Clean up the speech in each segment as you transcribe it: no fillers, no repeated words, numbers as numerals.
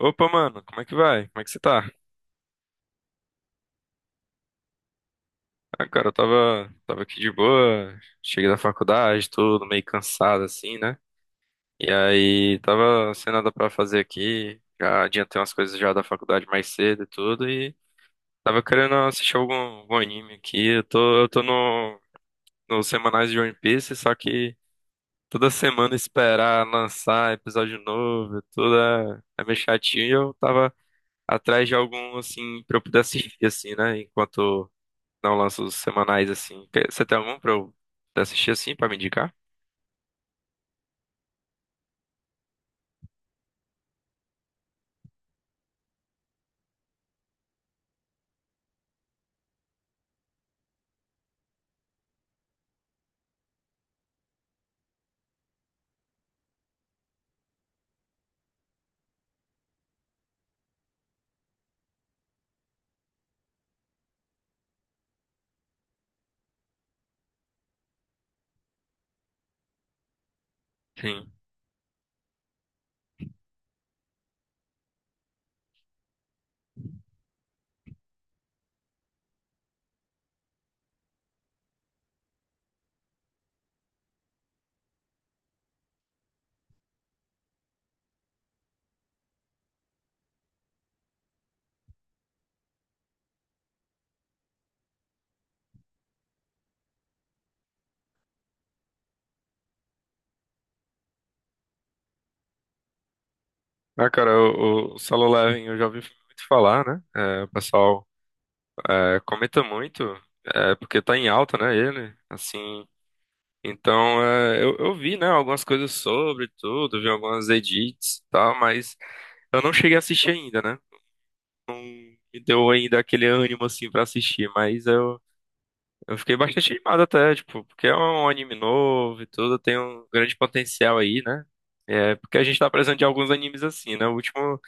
Opa, mano, como é que vai? Como é que você tá? Ah, cara, eu tava aqui de boa, cheguei da faculdade, tudo meio cansado assim, né? E aí, tava sem nada pra fazer aqui, já adiantei umas coisas já da faculdade mais cedo e tudo, e tava querendo assistir algum anime aqui. Eu tô no, nos semanais de One Piece, só que toda semana esperar lançar episódio novo, e tudo é meio chatinho, e eu tava atrás de algum, assim, pra eu poder assistir, assim, né? Enquanto não lança os semanais assim. Você tem algum pra eu assistir assim, pra me indicar? Sim. Ah, cara, o Solo Leveling eu já ouvi muito falar, né? É, o pessoal comenta muito, porque tá em alta, né, ele, assim. Então, eu vi, né, algumas coisas sobre tudo, vi algumas edits e tal, mas eu não cheguei a assistir ainda, né? Me deu ainda aquele ânimo, assim, pra assistir, mas eu fiquei bastante animado até, tipo, porque é um anime novo e tudo, tem um grande potencial aí, né? É, porque a gente tá precisando de alguns animes assim, né? O último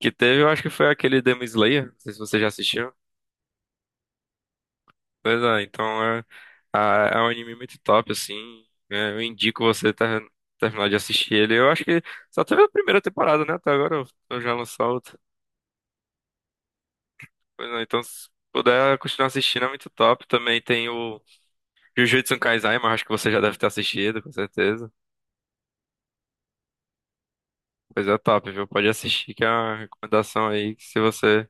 que teve, eu acho que foi aquele Demon Slayer, não sei se você já assistiu. Pois é, então é um anime muito top, assim. É, eu indico você terminar de assistir ele. Eu acho que só teve a primeira temporada, né? Até agora eu já lançou outra. Pois é, então se puder continuar assistindo é muito top. Também tem o Jujutsu Kaisen, mas acho que você já deve ter assistido, com certeza. Coisa top, viu? Pode assistir, que é uma recomendação aí que se você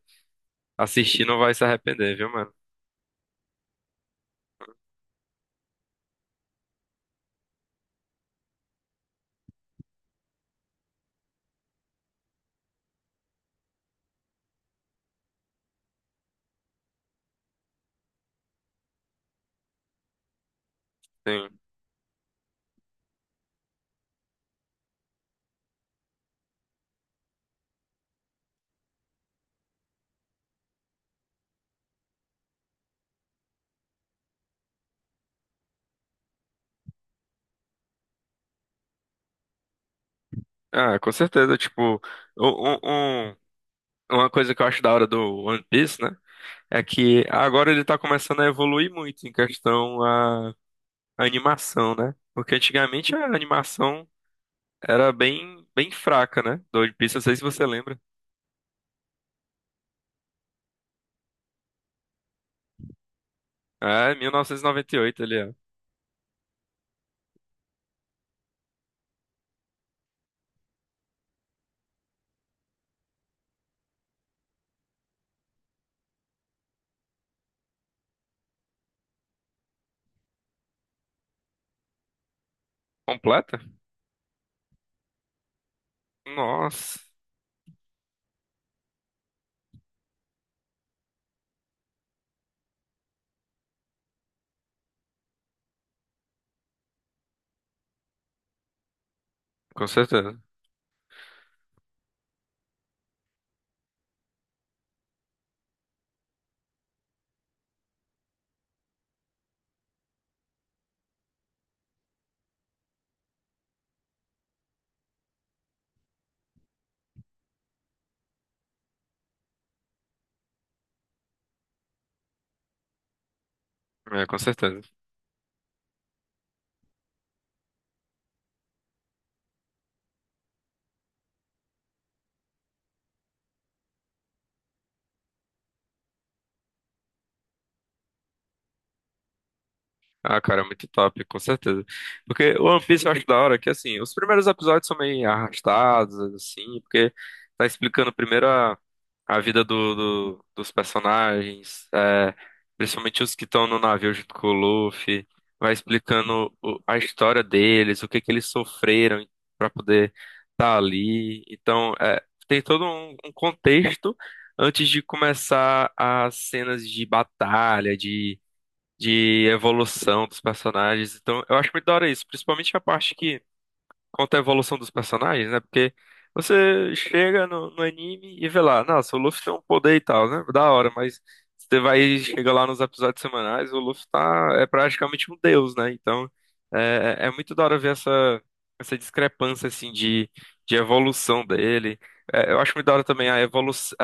assistir não vai se arrepender, viu, mano? Sim. Ah, com certeza. Tipo, um, um- um- uma coisa que eu acho da hora do One Piece, né? É que agora ele tá começando a evoluir muito em questão a, animação, né? Porque antigamente a animação era bem, bem fraca, né? Do One Piece, não sei se você lembra. É, 1998 ele é. Completa? Nossa, com certeza. É, com certeza. Ah, cara, é muito top, com certeza. Porque o One Piece eu acho da hora que, assim, os primeiros episódios são meio arrastados, assim, porque tá explicando primeiro a vida dos personagens, principalmente os que estão no navio junto com o Luffy, vai explicando a história deles, o que que eles sofreram pra poder estar tá ali. Então, tem todo um contexto antes de começar as cenas de batalha, de evolução dos personagens. Então, eu acho muito da hora isso, principalmente a parte que conta a evolução dos personagens, né? Porque você chega no anime e vê lá, nossa, o Luffy tem um poder e tal, né? Da hora, mas você vai chega lá nos episódios semanais, o Luffy tá é praticamente um deus, né? Então, é muito da hora ver essa discrepância assim de evolução dele. É, eu acho muito da hora também a evolução.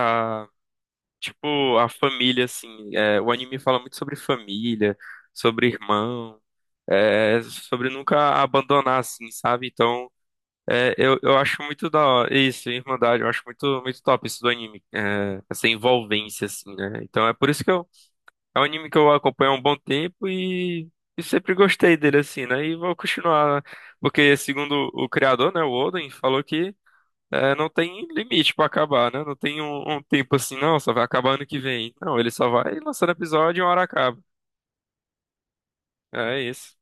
Tipo, a família, assim, o anime fala muito sobre família, sobre irmão, sobre nunca abandonar, assim, sabe? Então, eu acho muito da hora, isso, Irmandade, eu acho muito, muito top isso do anime, essa envolvência, assim, né? Então, é por isso que eu, é um anime que eu acompanho há um bom tempo e sempre gostei dele, assim, né? E vou continuar, porque segundo o criador, né, o Oden, falou que não tem limite pra acabar, né? Não tem um tempo assim, não, só vai acabar ano que vem. Não, ele só vai lançando episódio e uma hora acaba. É isso.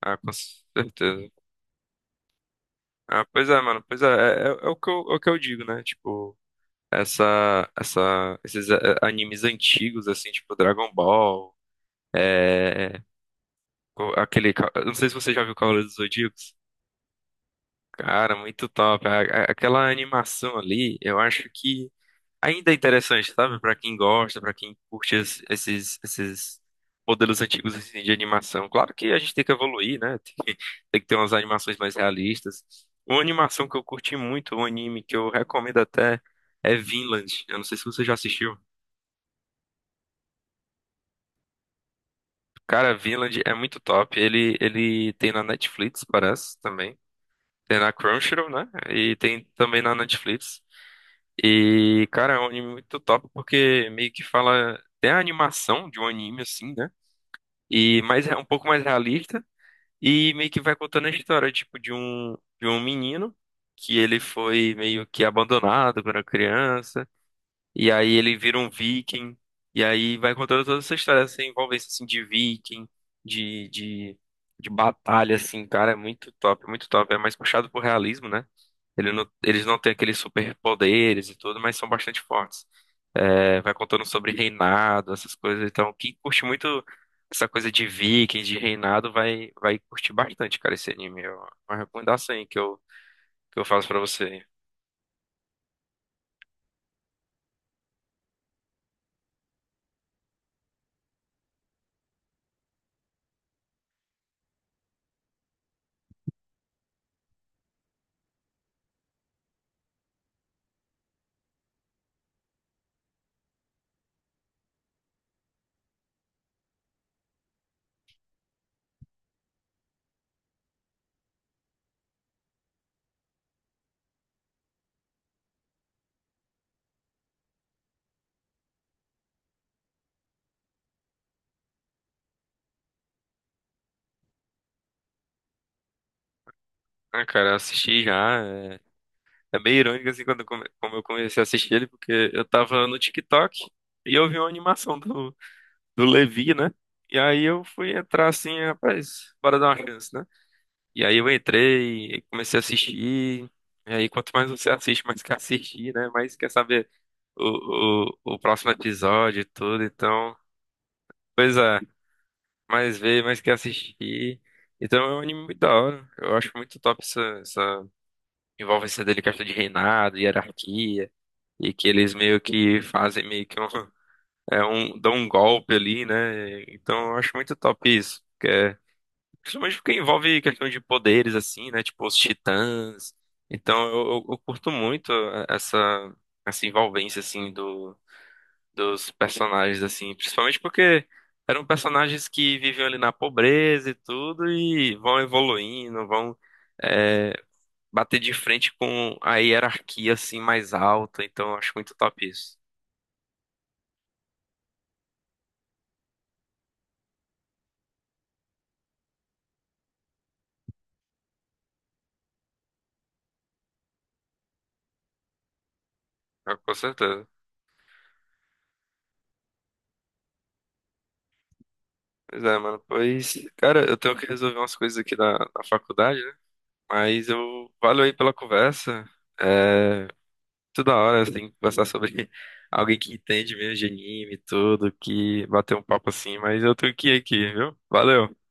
Ah, com certeza. Ah, pois é, mano. Pois é, o que eu, é o que eu digo, né? Tipo, esses animes antigos, assim, tipo Dragon Ball, é, aquele, eu não sei se você já viu Cavaleiros do Zodíaco. Cara, muito top. Aquela animação ali, eu acho que ainda é interessante, sabe? Pra quem gosta, pra quem curte esses modelos antigos assim, de animação. Claro que a gente tem que evoluir, né? Tem que ter umas animações mais realistas. Uma animação que eu curti muito, um anime que eu recomendo até, é Vinland. Eu não sei se você já assistiu. Cara, Vinland é muito top. Ele tem na Netflix, parece, também. Tem na Crunchyroll, né? E tem também na Netflix. E, cara, é um anime muito top porque meio que fala. Tem a animação de um anime, assim, né? E mais é um pouco mais realista e meio que vai contando a história tipo de um menino que ele foi meio que abandonado quando era criança e aí ele vira um viking. E aí vai contando toda essa história, essa envolvência assim, de viking, de, de, de batalha, assim, cara. É muito top, muito top. É mais puxado pro realismo, né? Eles não têm aqueles superpoderes e tudo, mas são bastante fortes. É, vai contando sobre reinado, essas coisas. Então, quem curte muito essa coisa de vikings, de reinado, vai curtir bastante, cara, esse anime. É uma recomendação aí que eu faço pra você. Ah, cara, eu assisti já. É meio irônico assim quando como eu comecei a assistir ele, porque eu tava no TikTok e eu vi uma animação do Levi, né? E aí eu fui entrar assim, rapaz, bora dar uma chance, né? E aí eu entrei e comecei a assistir. E aí quanto mais você assiste, mais quer assistir, né? Mais quer saber o próximo episódio e tudo. Então, pois é, mais vê, mais quer assistir. Então é um anime muito da hora. Eu acho muito top essa envolvência dele, questão de reinado, hierarquia. E que eles meio que fazem meio que um, dão um golpe ali, né? Então eu acho muito top isso, que é, principalmente porque envolve questão de poderes assim, né? Tipo os titãs. Então eu curto muito essa essa envolvência assim do dos personagens assim, principalmente porque eram personagens que viviam ali na pobreza e tudo e vão evoluindo, vão é, bater de frente com a hierarquia assim mais alta. Então eu acho muito top isso. Ah, com certeza. Pois é, mano. Pois, cara, eu tenho que resolver umas coisas aqui na faculdade, né? Mas eu valeu aí pela conversa. É, toda hora você tem que conversar sobre alguém que entende mesmo de anime e tudo, que bater um papo assim, mas eu tenho que ir aqui, viu? Valeu.